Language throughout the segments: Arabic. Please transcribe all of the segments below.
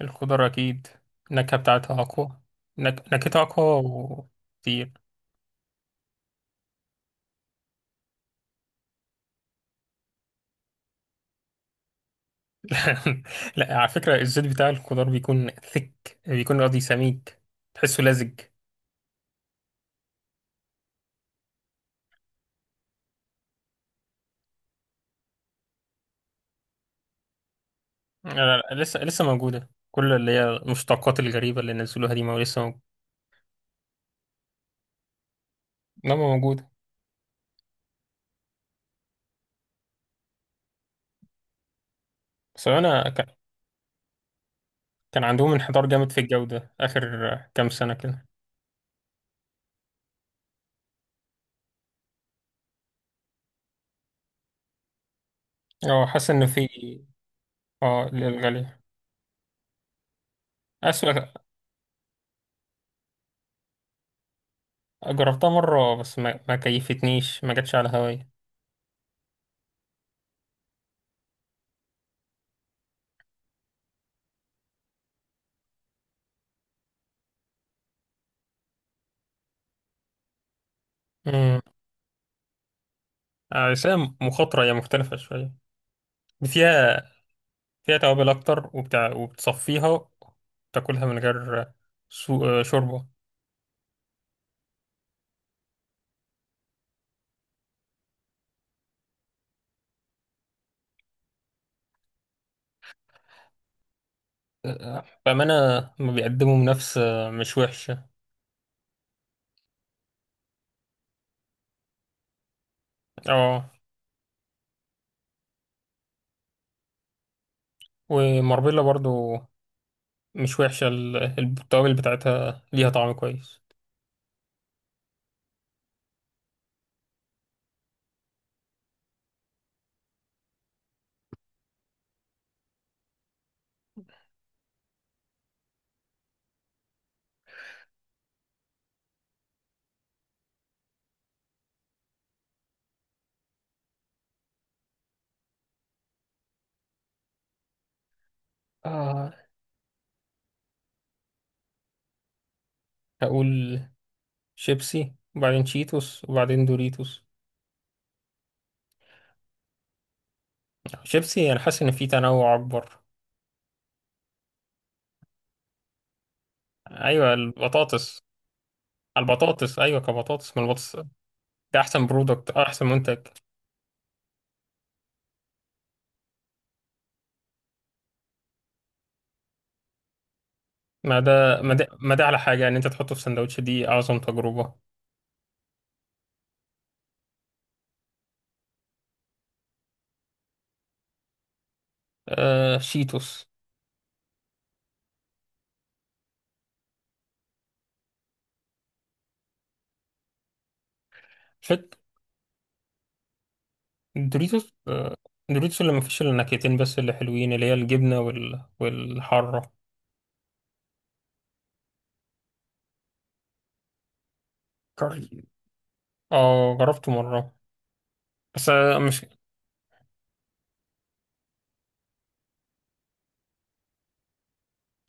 الخضار أكيد. النكهة بتاعتها أقوى. نكهتها أقوى كتير. لا، على فكرة الزيت بتاع الخضار بيكون ثك بيكون قصدي سميك، تحسه لزج. لا، لا، لا، لسه موجودة، كل اللي هي المشتقات الغريبة اللي نزلوها دي ما لسه موجودة. إنما موجودة. بس كان عندهم انحدار جامد في الجودة آخر كام سنة كده. اه، حاسس إن في. اه، الغالية أسوأ. جربتها مرة، بس ما كيفتنيش، ما جاتش على هواي. بس هي مخاطرة، هي مختلفة شوية، فيها، فيها توابل أكتر وبتاع، وبتصفيها تاكلها من غير سو... آه، شوربة. بأمانة ما بيقدموا بنفس، مش وحشة. اه، وماربيلا برضو مش وحشة، التوابل بتاعتها ليها طعم كويس. آه هقول شيبسي، وبعدين شيتوس، وبعدين دوريتوس. شيبسي، أنا حاسس إن في تنوع أكبر. أيوة، البطاطس. البطاطس أيوة، كبطاطس، من البطاطس ده احسن برودكت، احسن منتج. ما ده ما ده على حاجه ان انت تحطه في سندوتش، دي اعظم تجربه. آه، شيتوس. فك. دوريتوس، آه، دوريتوس اللي ما فيش الا نكهتين بس اللي حلوين، اللي هي الجبنه والحاره. كاري. اه، جربته مره، بس مش.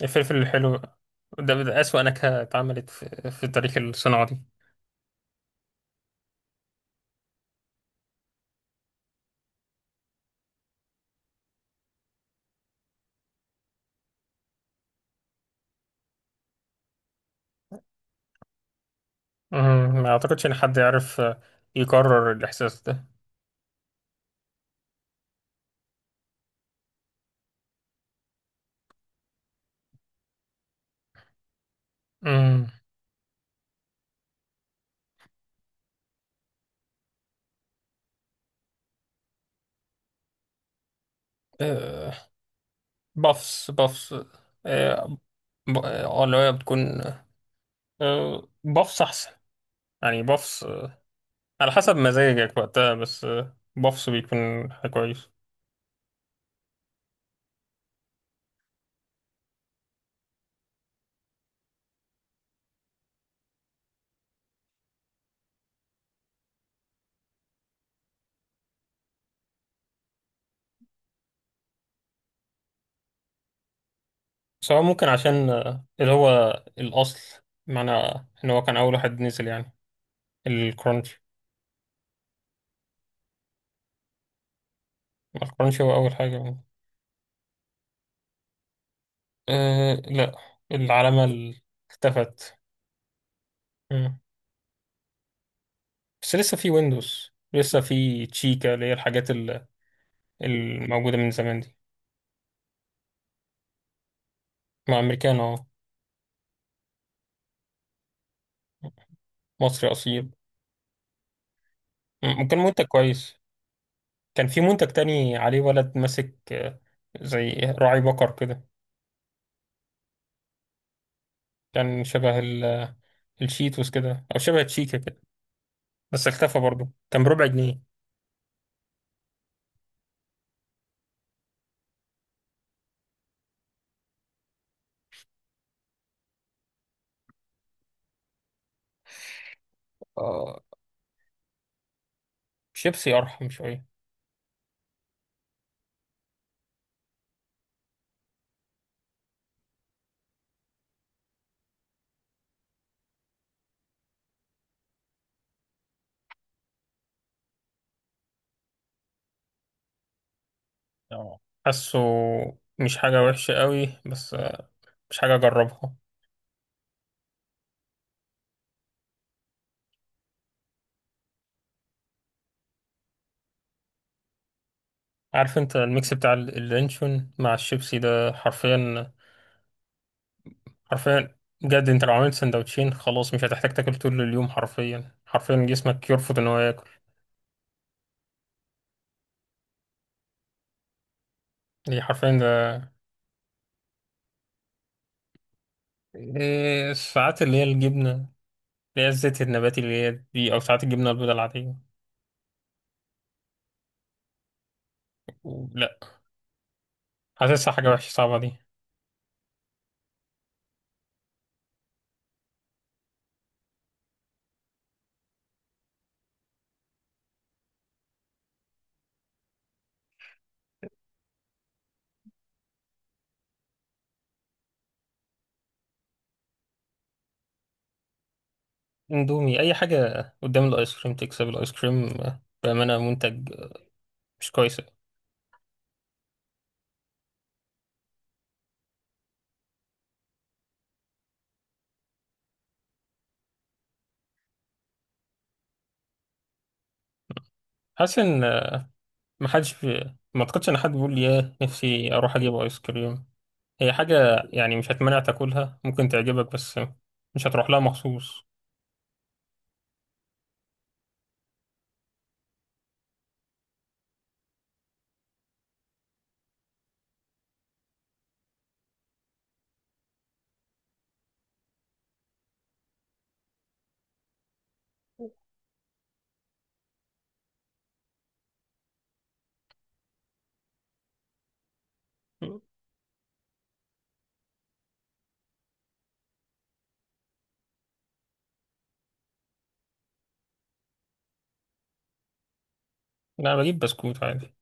الفلفل الحلو ده اسوأ نكهه اتعملت في تاريخ الصناعه دي. مم، ما اعتقدش ان حد يعرف، يكرر الاحساس ده. مم. آه بافس. آه، اه اللي هي بتكون، بفص احسن. يعني بفص، على حسب مزاجك وقتها، بس بفص بيكون حاجة كويس. بس هو ممكن عشان اللي هو الأصل، معنى إن هو كان أول واحد نزل يعني الكرانشي. ما الكرانشي هو أول حاجة يعني. أه لا، العلامة اختفت. مم. بس لسه في ويندوز، لسه في تشيكا، اللي هي الحاجات الموجودة من زمان دي. مع أمريكان أهو. مصري أصيل. مم، ممكن منتج كويس. كان في منتج تاني عليه ولد ماسك، زي راعي بقر كده. كان شبه الشيتوس كده، او شبه تشيكا كده، بس اختفى برضه، كان بربع جنيه. آه شيبسي ارحم شويه. اه، حاسه مش حاجه وحشه قوي، بس مش حاجه اجربها. عارف انت الميكس بتاع اللانشون مع الشيبسي ده حرفيا. حرفيا، بجد، انت لو عملت سندوتشين خلاص مش هتحتاج تاكل طول اليوم، حرفيا حرفيا جسمك يرفض ان هو ياكل. دي حرفيا. إيه، ساعات اللي هي الجبنة اللي هي الزيت النباتي اللي هي دي، أو ساعات الجبنة البيضاء العادية. لا، حاسسها حاجة وحشة صعبة دي. اندومي أي حاجة قدام الآيس كريم تكسب. الآيس كريم، بأمانة منتج، مش كويس. حاسس إن، ما أعتقدش إن حد بيقول لي ياه نفسي أروح أجيب آيس كريم. هي حاجة يعني مش هتمنع تاكلها، ممكن تعجبك، بس مش هتروح لها مخصوص. لا، أنا بجيب بسكوت عادي.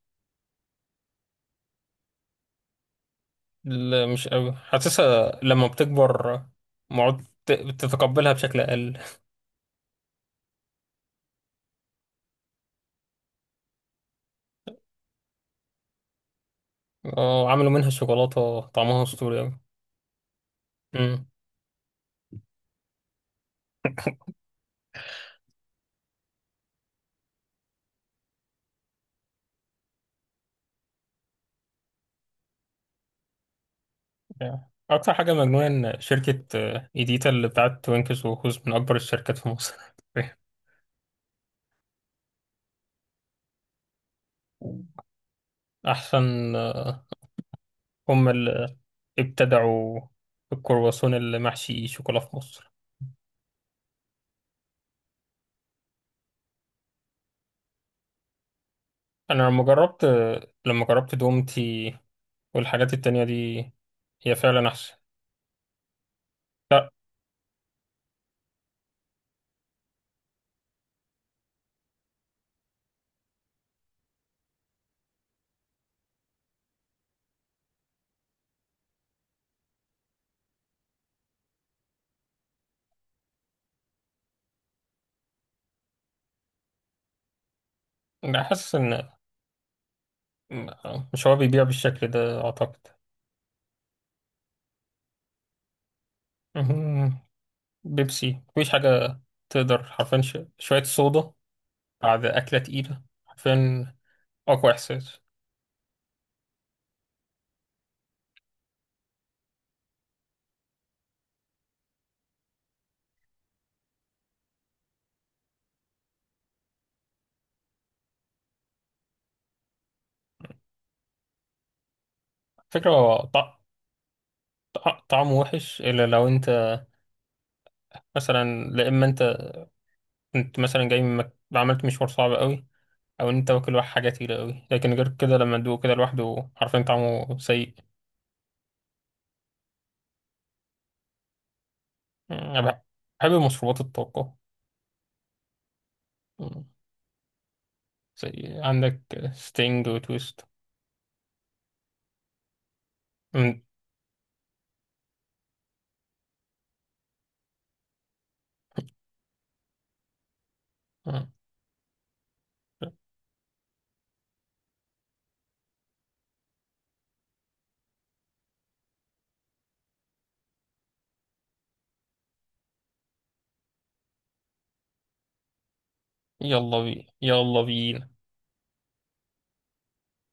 لا، مش قوي حاسسها لما بتكبر، بتتقبلها بشكل أقل. اه، عملوا منها شوكولاتة طعمها أسطوري أوي. أمم. أكتر حاجة مجنونة إن شركة، إيديتا اللي بتاعت توينكس وهوز من أكبر الشركات في مصر. أحسن، هم اللي ابتدعوا الكرواسون اللي محشي شوكولا في مصر. أنا لما جربت، لما جربت دومتي والحاجات التانية دي، هي فعلا أحسن. أنا حاسس إن، لا، مش هو بيبيع بالشكل ده أعتقد. مهم. بيبسي مفيش حاجة تقدر حرفيا، شوية صودا بعد أكلة تقيلة، حرفيا أقوى إحساس. فكرة هو طعمه وحش، إلا لو أنت مثلا، لا، إما أنت كنت مثلا جاي من عملت مشوار صعب قوي، أو أنت واكل واحد حاجة تقيلة قوي، لكن غير كده لما تدوق كده لوحده حرفيا طعمه سيء. مم. بحب مشروبات الطاقة. مم، زي عندك ستينج وتويست. مم. مم. يلا بينا، يلا بينا.